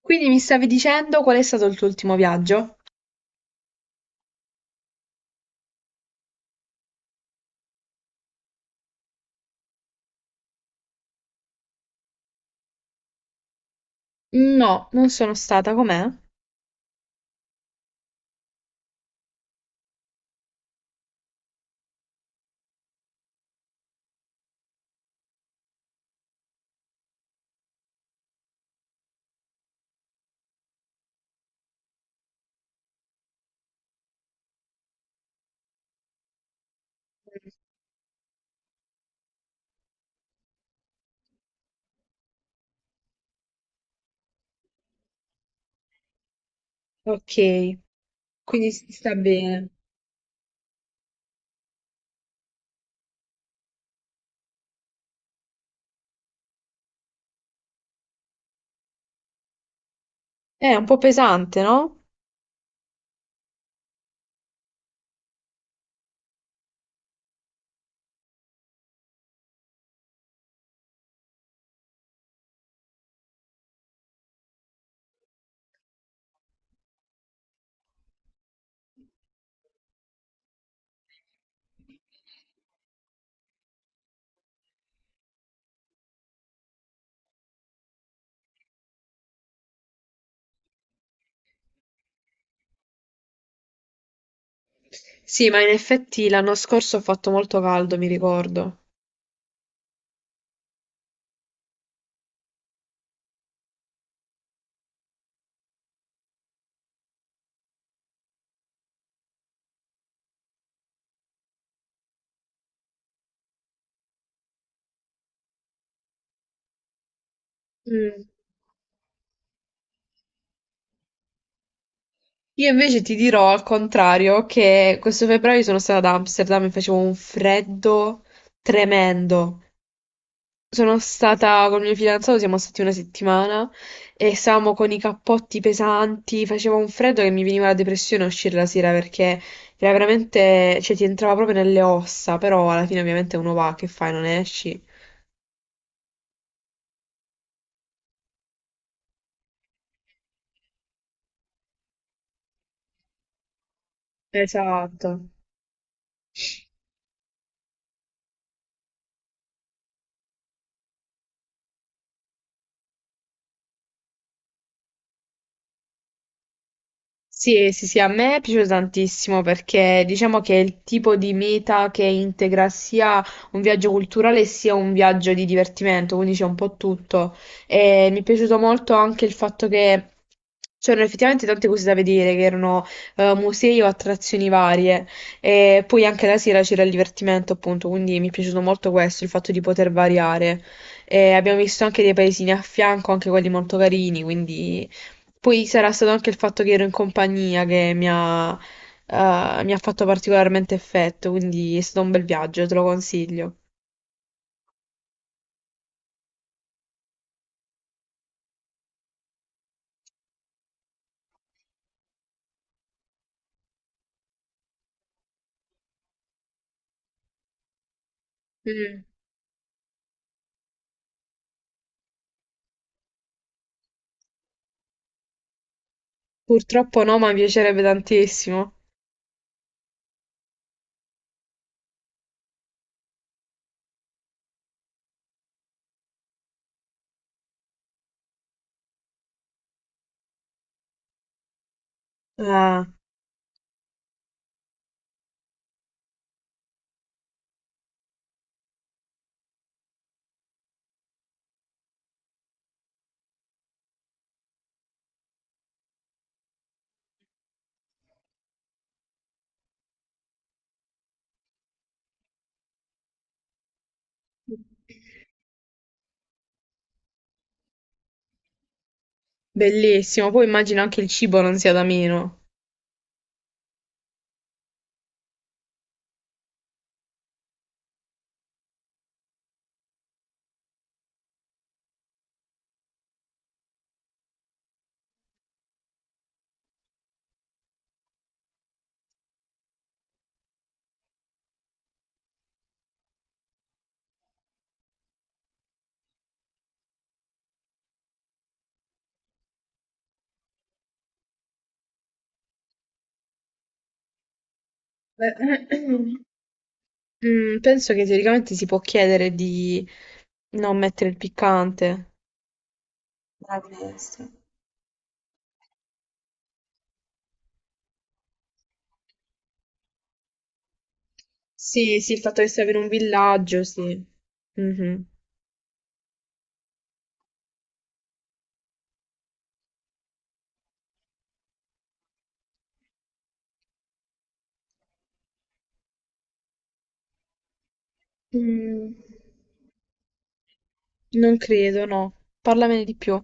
Quindi mi stavi dicendo qual è stato il tuo ultimo viaggio? No, non sono stata, com'è? Ok, quindi si sta bene. È un po' pesante, no? Sì, ma in effetti l'anno scorso ho fatto molto caldo, mi ricordo. Mm. Io invece ti dirò al contrario che questo febbraio sono stata ad Amsterdam e facevo un freddo tremendo. Sono stata col mio fidanzato, siamo stati una settimana e stavamo con i cappotti pesanti, faceva un freddo che mi veniva la depressione a uscire la sera perché era veramente, cioè ti entrava proprio nelle ossa, però alla fine ovviamente uno va, che fai, non esci? Esatto. Sì, sì, sì, a me è piaciuto tantissimo perché diciamo che è il tipo di meta che integra sia un viaggio culturale sia un viaggio di divertimento, quindi c'è un po' tutto. E mi è piaciuto molto anche il fatto che c'erano effettivamente tante cose da vedere, che erano musei o attrazioni varie. E poi anche la sera c'era il divertimento, appunto, quindi mi è piaciuto molto questo, il fatto di poter variare. E abbiamo visto anche dei paesini a fianco, anche quelli molto carini, quindi... Poi sarà stato anche il fatto che ero in compagnia che mi ha fatto particolarmente effetto, quindi è stato un bel viaggio, te lo consiglio. Mm. Purtroppo no, ma mi piacerebbe tantissimo. Ah, bellissimo. Poi immagino anche il cibo non sia da meno. Beh, mm, penso che teoricamente si può chiedere di non mettere il piccante. Nella minestra. Sì, sì, il fatto che sia per un villaggio, sì. Mhm. Mm. Non credo, no. Parlamene di più.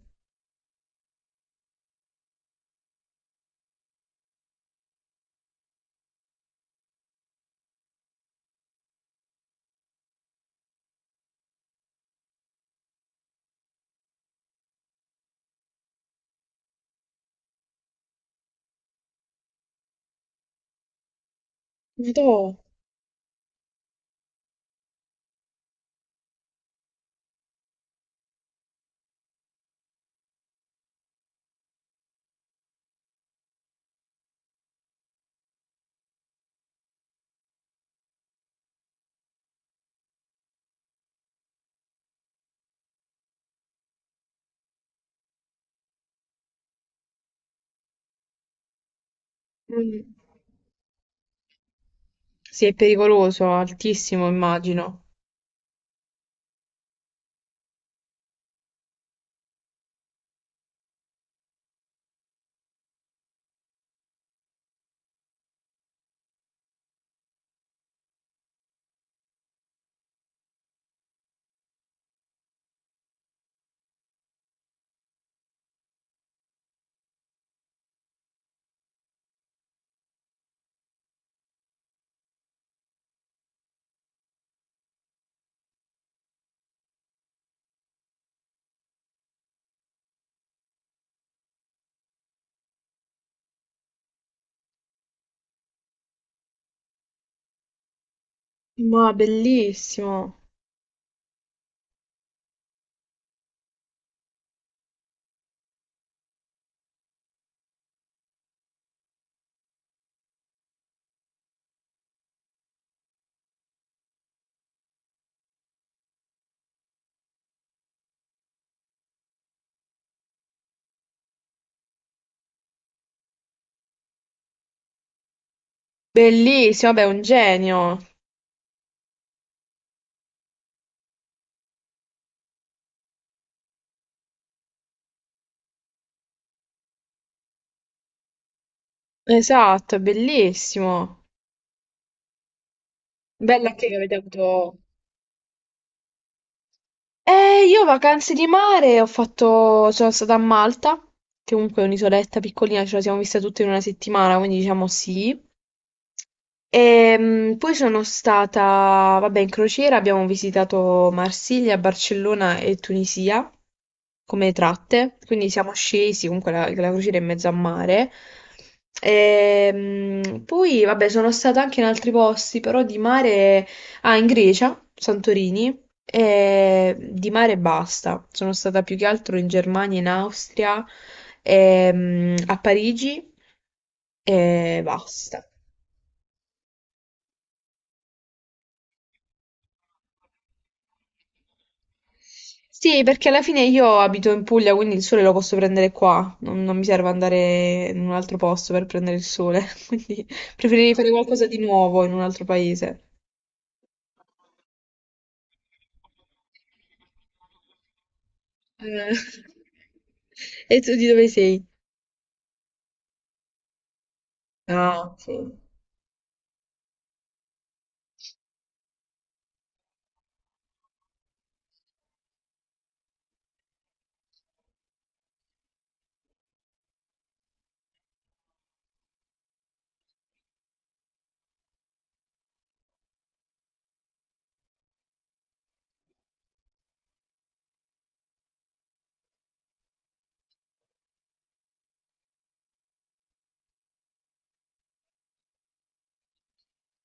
Madò, mm, sì, è pericoloso, altissimo, immagino. Ma bellissimo. Bellissimo, vabbè, è un genio. Esatto, è bellissimo. Bella che avete avuto. Io vacanze di mare ho fatto, sono stata a Malta, che comunque è un'isoletta piccolina, ce la siamo vista tutte in una settimana, quindi diciamo sì. Poi sono stata, vabbè, in crociera abbiamo visitato Marsiglia, Barcellona e Tunisia come tratte, quindi siamo scesi, comunque la crociera è in mezzo a mare. Poi, vabbè, sono stata anche in altri posti, però di mare, ah, in Grecia, Santorini, e di mare basta. Sono stata più che altro in Germania, in Austria, a Parigi e basta. Sì, perché alla fine io abito in Puglia, quindi il sole lo posso prendere qua. Non mi serve andare in un altro posto per prendere il sole. Quindi preferirei fare qualcosa di nuovo in un altro paese. Eh, e tu di dove sei? Ah, sì.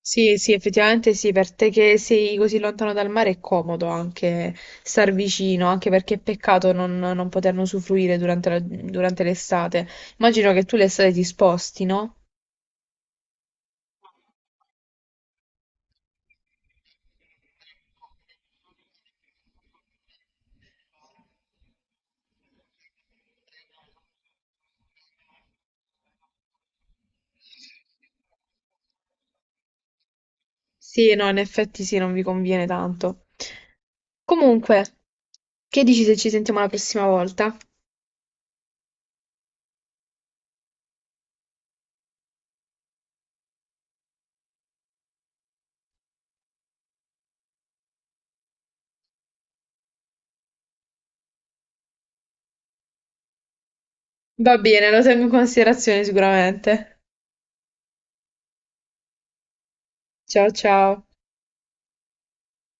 Sì, sì, effettivamente sì, per te che sei così lontano dal mare è comodo anche star vicino, anche perché è peccato non poterne usufruire durante la- durante l'estate. Immagino che tu l'estate ti sposti, no? Sì, no, in effetti sì, non vi conviene tanto. Comunque, che dici se ci sentiamo la prossima volta? Va bene, lo tengo in considerazione sicuramente. Ciao ciao.